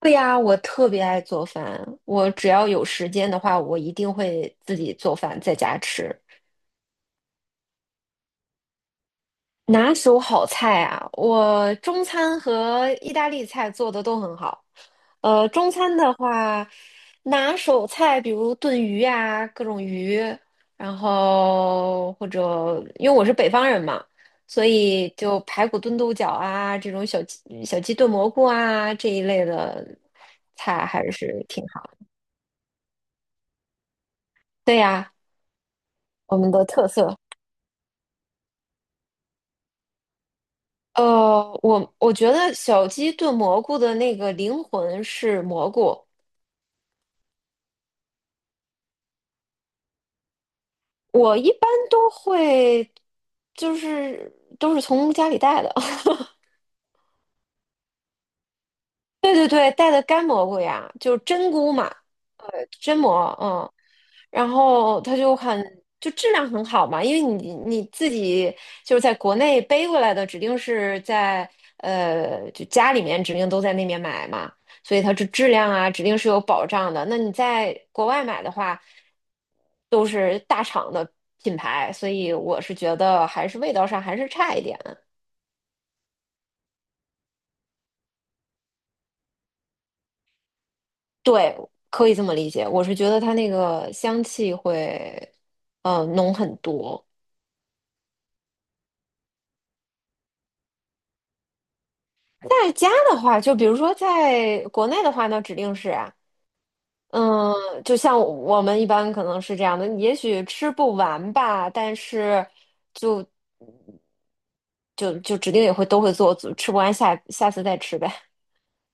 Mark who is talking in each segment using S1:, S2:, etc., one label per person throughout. S1: 对呀，我特别爱做饭。我只要有时间的话，我一定会自己做饭在家吃。拿手好菜啊，我中餐和意大利菜做的都很好。中餐的话，拿手菜比如炖鱼啊，各种鱼，然后或者因为我是北方人嘛，所以就排骨炖豆角啊，这种小鸡炖蘑菇啊这一类的菜还是挺好。对呀。我们的特色。我觉得小鸡炖蘑菇的那个灵魂是蘑菇，我一般都会，就是都是从家里带的，对对对，带的干蘑菇呀，就是真菇嘛，呃，真蘑，嗯。然后它就很就质量很好嘛，因为你自己就是在国内背过来的，指定是在就家里面指定都在那边买嘛，所以它这质量啊指定是有保障的。那你在国外买的话，都是大厂的品牌，所以我是觉得还是味道上还是差一点。对，可以这么理解，我是觉得它那个香气会浓很多。在家的话，就比如说在国内的话，那指定是啊，嗯，就像我们一般可能是这样的，也许吃不完吧，但是就指定也会都会做，吃不完下下次再吃呗，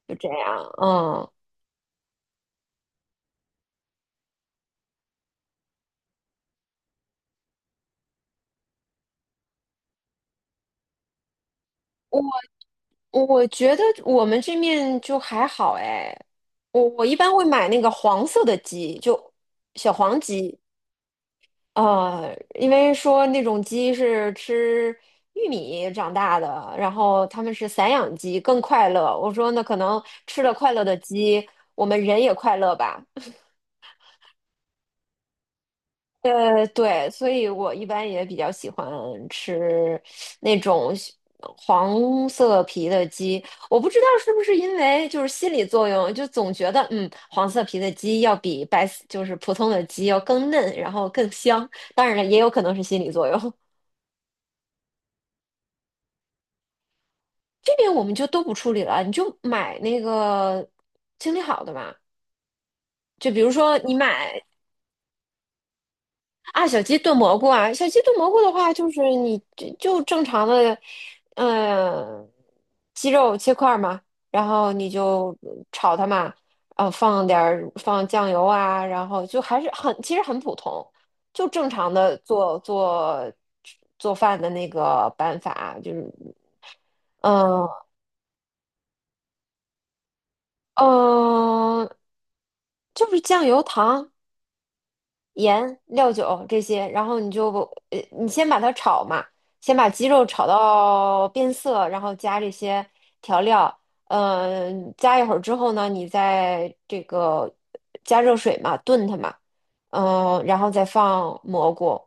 S1: 就这样。嗯，我我觉得我们这面就还好哎，我一般会买那个黄色的鸡，就小黄鸡，因为说那种鸡是吃玉米长大的，然后他们是散养鸡，更快乐。我说那可能吃了快乐的鸡，我们人也快乐吧。对，所以我一般也比较喜欢吃那种黄色皮的鸡。我不知道是不是因为就是心理作用，就总觉得嗯，黄色皮的鸡要比白就是普通的鸡要更嫩，然后更香。当然了，也有可能是心理作用。这边我们就都不处理了，你就买那个清理好的嘛。就比如说你买啊小鸡炖蘑菇啊，小鸡炖蘑菇的话，就是你就正常的，嗯、鸡肉切块儿嘛，然后你就炒它嘛，啊，放点儿放酱油啊，然后就还是很其实很普通，就正常的做做饭的那个办法，就是。嗯，嗯，就是酱油糖。盐、料酒这些，然后你就你先把它炒嘛，先把鸡肉炒到变色，然后加这些调料，嗯、加一会儿之后呢，你再这个加热水嘛，炖它嘛，嗯、然后再放蘑菇，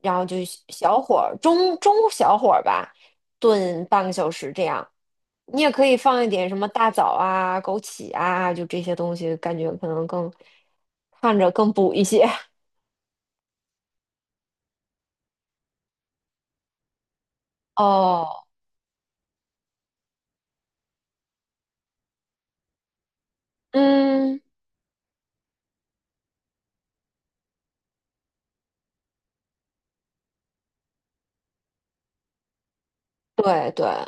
S1: 然后就小火儿中小火儿吧，炖半个小时这样。你也可以放一点什么大枣啊、枸杞啊，就这些东西，感觉可能更看着更补一些。哦，嗯，对对，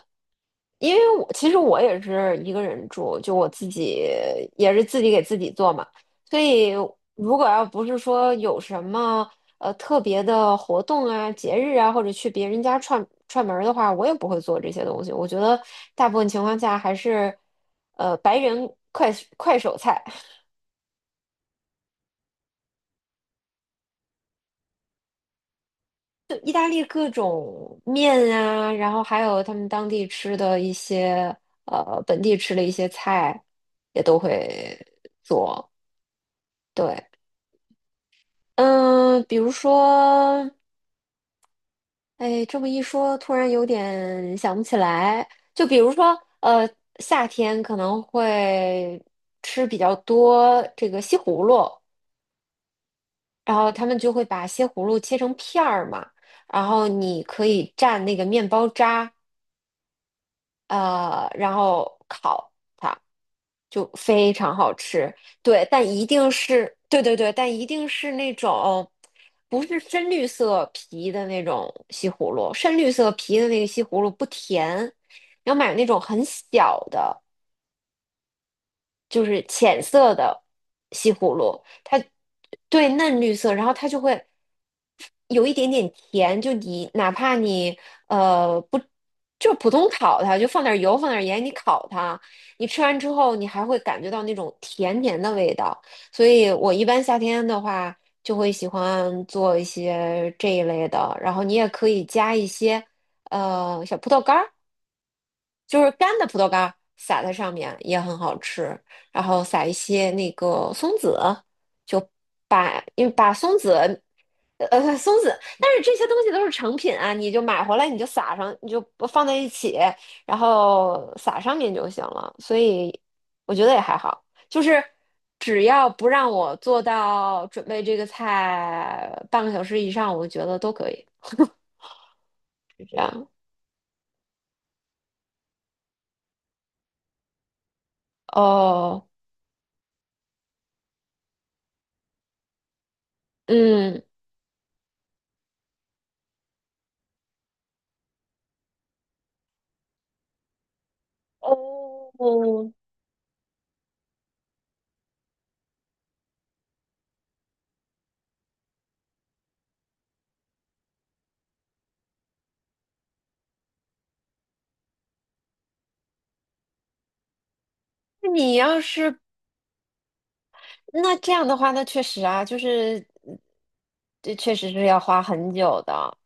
S1: 因为我其实也是一个人住，就我自己也是自己给自己做嘛，所以如果要不是说有什么特别的活动啊、节日啊，或者去别人家串串门儿的话，我也不会做这些东西。我觉得大部分情况下还是白人快手菜。意大利各种面啊，然后还有他们当地吃的一些，本地吃的一些菜，也都会做。对，嗯，比如说，哎，这么一说，突然有点想不起来。就比如说，夏天可能会吃比较多这个西葫芦，然后他们就会把西葫芦切成片儿嘛，然后你可以蘸那个面包渣。然后烤它就非常好吃。对，但一定是，对对对，但一定是那种不是深绿色皮的那种西葫芦，深绿色皮的那个西葫芦不甜，要买那种很小的。就是浅色的西葫芦，它对嫩绿色，然后它就会有一点点甜，就你哪怕你不就普通烤它，就放点油放点盐，你烤它，你吃完之后你还会感觉到那种甜甜的味道，所以我一般夏天的话就会喜欢做一些这一类的，然后你也可以加一些小葡萄干儿。就是干的葡萄干儿撒在上面也很好吃，然后撒一些那个松子，就把因为把松子，松子，但是这些东西都是成品啊，你就买回来你就撒上，你就不放在一起，然后撒上面就行了，所以我觉得也还好，就是只要不让我做到准备这个菜半个小时以上，我觉得都可以，是这样。哦，嗯。哦，那你要是那这样的话，那确实啊，就是嗯这确实是要花很久的。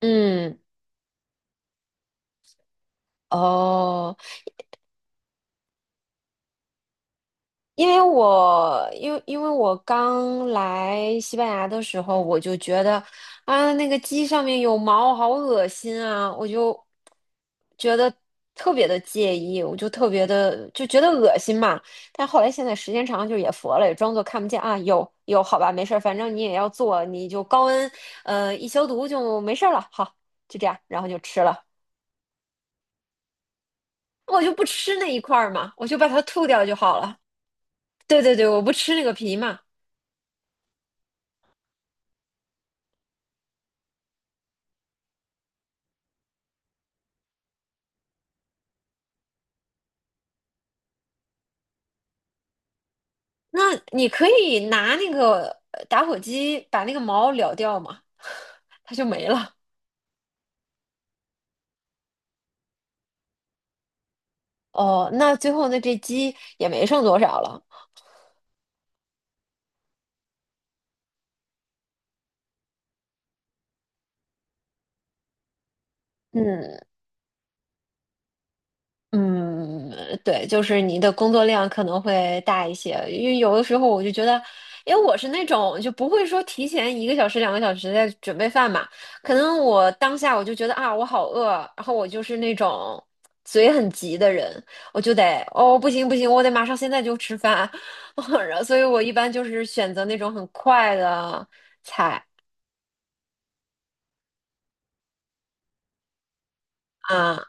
S1: 嗯，哦。因为因为我刚来西班牙的时候，我就觉得啊，那个鸡上面有毛，好恶心啊！我就觉得特别的介意，我就特别的就觉得恶心嘛。但后来现在时间长了，就也佛了，也装作看不见啊。有有，好吧，没事儿，反正你也要做，你就高温一消毒就没事儿了。好，就这样，然后就吃了。我就不吃那一块儿嘛，我就把它吐掉就好了。对对对，我不吃那个皮嘛。那你可以拿那个打火机把那个毛燎掉嘛，它就没了。哦，那最后那这鸡也没剩多少了。嗯，嗯，对，就是你的工作量可能会大一些，因为有的时候我就觉得，因为我是那种就不会说提前一个小时、两个小时在准备饭嘛，可能我当下我就觉得啊，我好饿，然后我就是那种嘴很急的人，我就得哦，不行不行，我得马上现在就吃饭，然后所以我一般就是选择那种很快的菜啊，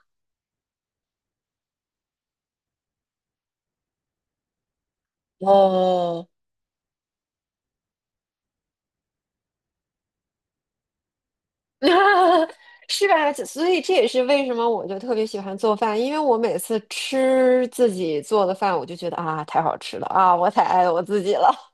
S1: 哦。是吧？所以这也是为什么我就特别喜欢做饭，因为我每次吃自己做的饭，我就觉得啊，太好吃了啊，我太爱我自己了。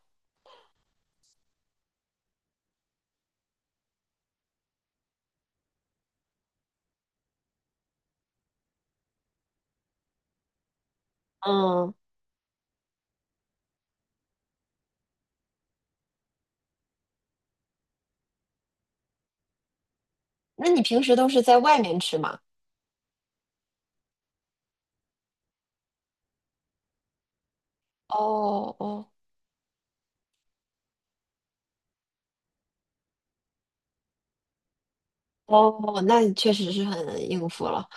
S1: 嗯，那你平时都是在外面吃吗？哦哦哦，那你确实是很应付了，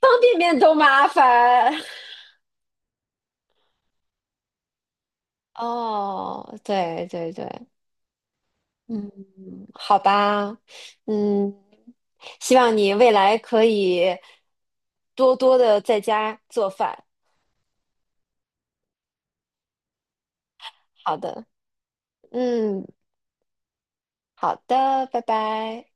S1: 方便面都麻烦。哦，对对对，嗯，好吧，嗯，希望你未来可以多多的在家做饭。好的，嗯，好的，拜拜。